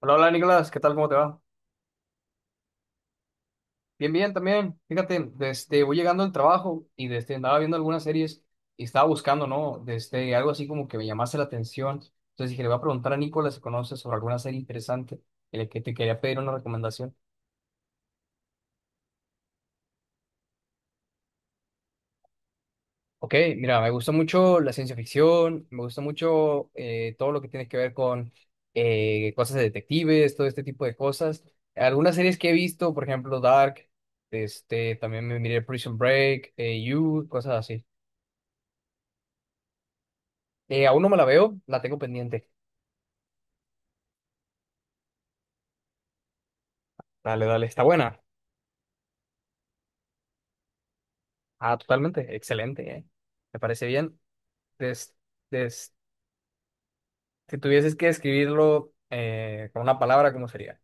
Hola, hola Nicolás, ¿qué tal? ¿Cómo te va? Bien, bien, también. Fíjate, voy llegando al trabajo y desde andaba viendo algunas series y estaba buscando, ¿no? Desde algo así como que me llamase la atención. Entonces dije, le voy a preguntar a Nicolás si conoce sobre alguna serie interesante en la que te quería pedir una recomendación. Ok, mira, me gusta mucho la ciencia ficción, me gusta mucho todo lo que tiene que ver con cosas de detectives, todo este tipo de cosas. Algunas series que he visto, por ejemplo, Dark, este, también me miré Prison Break, You, cosas así. Aún no me la veo, la tengo pendiente. Dale, dale, está buena. Ah, totalmente, excelente, eh. Me parece bien. Des- des- si tuvieses que describirlo con una palabra, ¿cómo sería?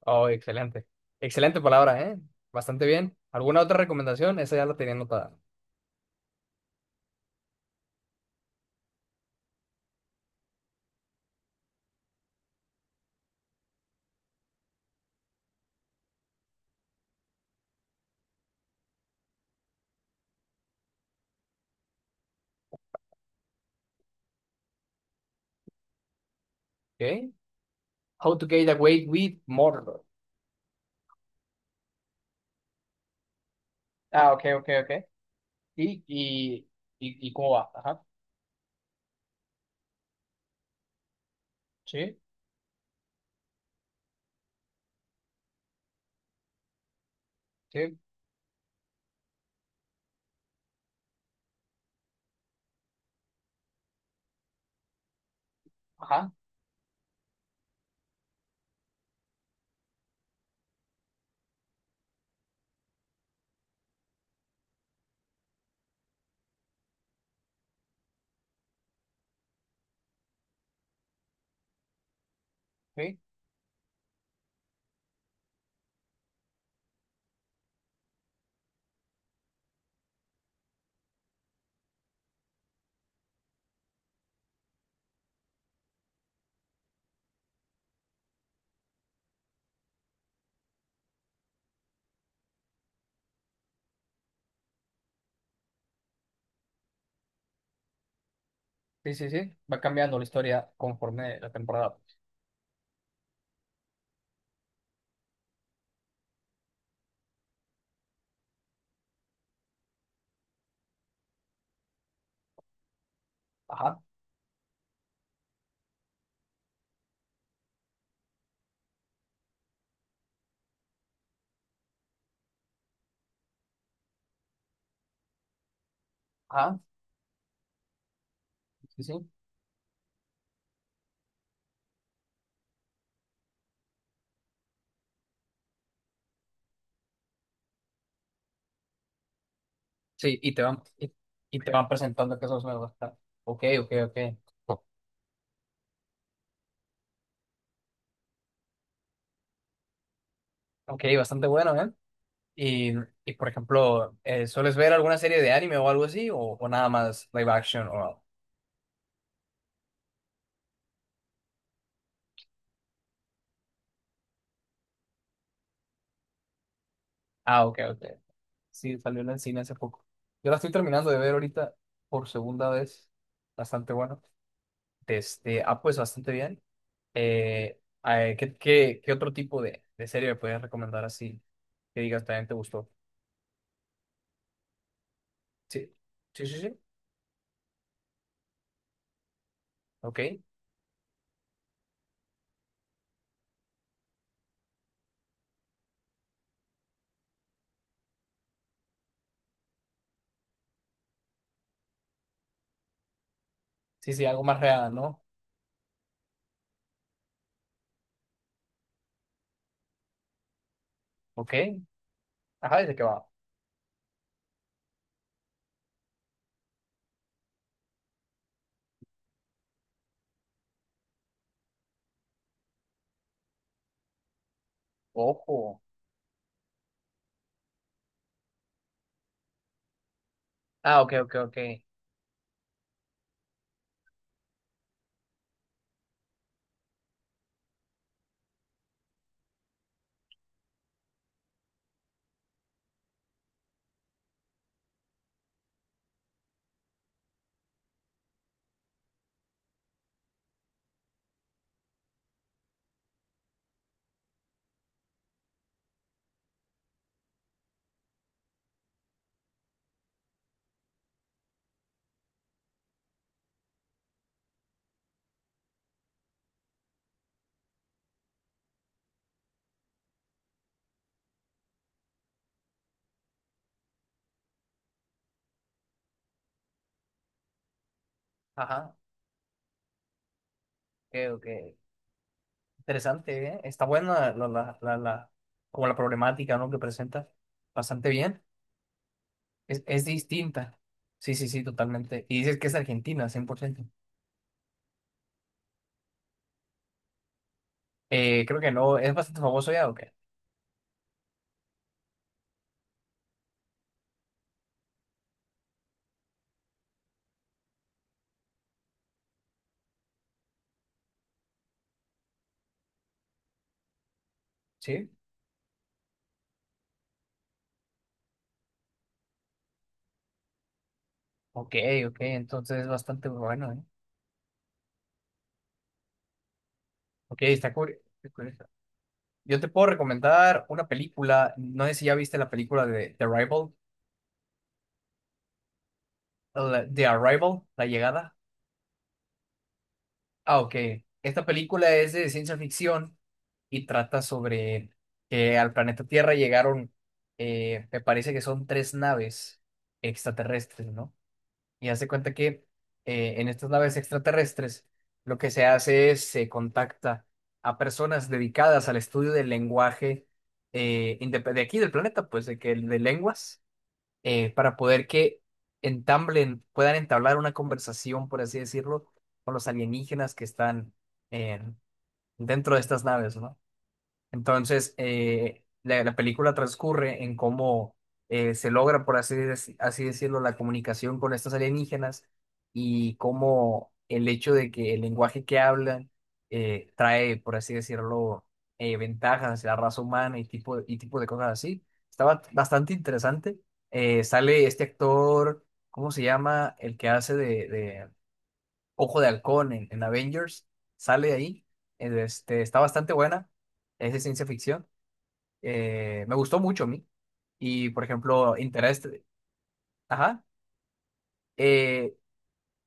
Oh, excelente. Excelente palabra, eh. Bastante bien. ¿Alguna otra recomendación? Esa ya la tenía anotada. Okay. How to get away with murder. Ah, ok, ok, ok. Y, y, y cómo va. Ajá. Sí, sí. Ajá. Sí, sí, sí, sí. Va cambiando la historia conforme la temporada. Ajá. Ajá. Sí, sí. Sí, y te van presentando que sos nuevo. Está- Ok, ok, ok. Ok, bastante bueno, ¿eh? Y, y por ejemplo, ¿sueles ver alguna serie de anime o algo así? O nada más live action o algo? Ah, ok, ok. Sí, salió en el cine hace poco. Yo la estoy terminando de ver ahorita por segunda vez. Bastante bueno. Este, ah, pues bastante bien. ¿Qué otro tipo de serie me puedes recomendar así? Que digas también te gustó. Sí, sí, sí, sí. Ok. Sí, sí, algo más real, ¿no? Ok. Ajá, ¿de qué va? Ojo. Ah, ok, ok, ok. Ajá, ok, ok. Interesante, ¿eh? Está buena la, la, la, la- como la problemática, ¿no? Que presenta. Bastante bien. Es distinta. Sí, sí, sí, totalmente. Y dices que es Argentina, 100%. Creo que no. ¿Es bastante famoso ya o qué? Sí. Ok, ok. Entonces es bastante bueno, ¿eh? Ok, está curioso. Yo te puedo recomendar una película. No sé si ya viste la película de The Rival The Arrival, La Llegada. Ah, ok. Esta película es de ciencia ficción y trata sobre que al planeta Tierra llegaron, me parece que son tres naves extraterrestres, ¿no? Y hace cuenta que en estas naves extraterrestres lo que se hace es se contacta a personas dedicadas al estudio del lenguaje de aquí del planeta, pues de que de lenguas para poder que entablen, puedan entablar una conversación, por así decirlo, con los alienígenas que están eh, dentro de estas naves, ¿no? Entonces, la, la película transcurre en cómo se logra, así decirlo, la comunicación con estos alienígenas y cómo el hecho de que el lenguaje que hablan trae, por así decirlo, ventajas hacia la raza humana y tipo de cosas así. Estaba bastante interesante. Sale este actor, ¿cómo se llama? El que hace de, Ojo de Halcón en Avengers, sale ahí, este, está bastante buena, es de ciencia ficción, me gustó mucho a mí, y por ejemplo, Interest, ajá, eh,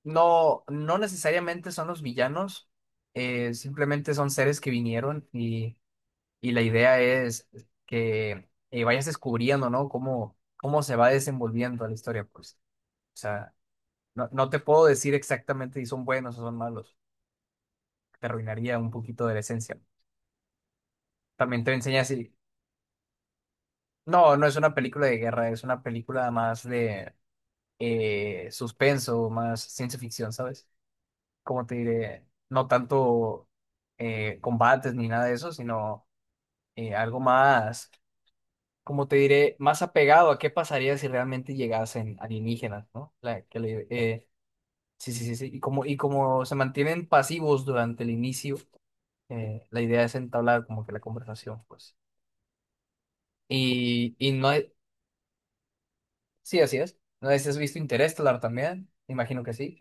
no, no necesariamente son los villanos, simplemente son seres que vinieron y la idea es que vayas descubriendo, ¿no? Cómo, cómo se va desenvolviendo la historia, pues, o sea, no, no te puedo decir exactamente si son buenos o son malos, te arruinaría un poquito de la esencia. También te enseña así. No, no es una película de guerra, es una película más de suspenso, más ciencia ficción, ¿sabes? Como te diré, no tanto combates ni nada de eso, sino algo más, como te diré, más apegado a qué pasaría si realmente llegasen alienígenas, ¿no? Sí, sí, sí, sí. Y como se mantienen pasivos durante el inicio, la idea es entablar como que la conversación, pues. Y no, Sí, así es. No sé si has visto Interestelar también. Imagino que sí.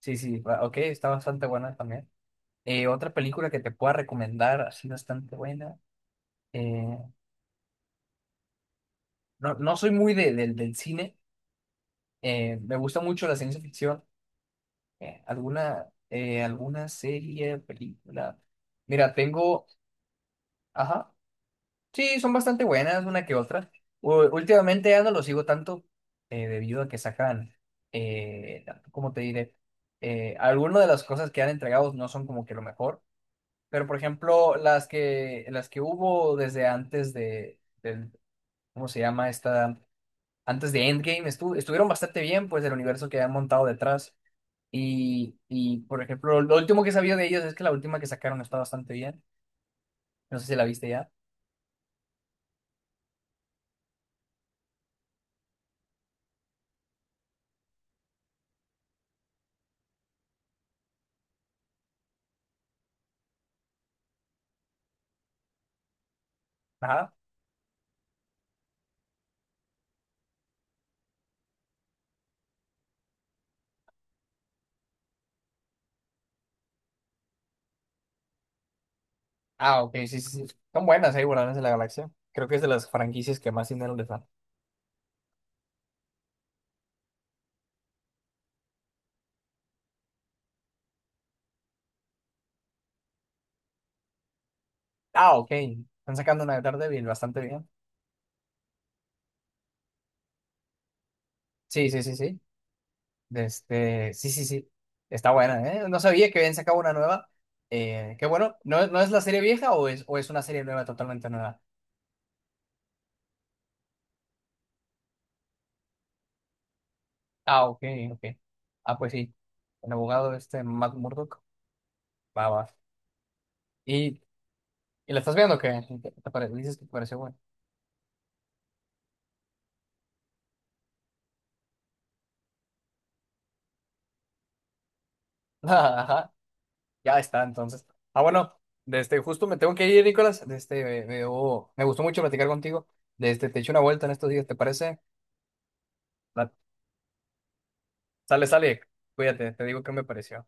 Sí, sí. Ok, está bastante buena también. Otra película que te pueda recomendar, así bastante buena. eh, no, no soy muy del del cine. Me gusta mucho la ciencia ficción. Alguna serie, película. Mira, tengo. Ajá. Sí, son bastante buenas, una que otra. Últimamente ya no lo sigo tanto debido a que sacan, eh, ¿cómo te diré? Algunas de las cosas que han entregado no son como que lo mejor, pero por ejemplo, las que hubo desde antes de, del, ¿cómo se llama esta? Antes de Endgame estuvieron bastante bien, pues, del universo que han montado detrás. Y por ejemplo, lo último que sabía de ellos es que la última que sacaron está bastante bien. No sé si la viste ya. Ah, ok, sí, sí, sí. Son buenas ahí, Guardianes de la Galaxia. Creo que es de las franquicias que más dinero les dan. Ah, ok. Están sacando una de Daredevil bastante bien. Sí, sí, sí, sí. De Este, sí, sí, sí. Está buena, ¿eh? No sabía que habían sacado una nueva. Qué bueno. ¿No, no es la serie vieja o es una serie nueva, totalmente nueva? Ah, ok, ok. Ah, pues sí. El abogado este, Matt Murdock. Va, va. ¿Y, y la estás viendo o qué? Dices que te pareció buena. Ajá. Ya está, entonces. Ah, bueno, desde justo me tengo que ir, Nicolás. Desde, me- oh, me gustó mucho platicar contigo. Desde, te echo una vuelta en estos días, ¿te parece? Va, Sale, sale. Cuídate, te digo qué me pareció.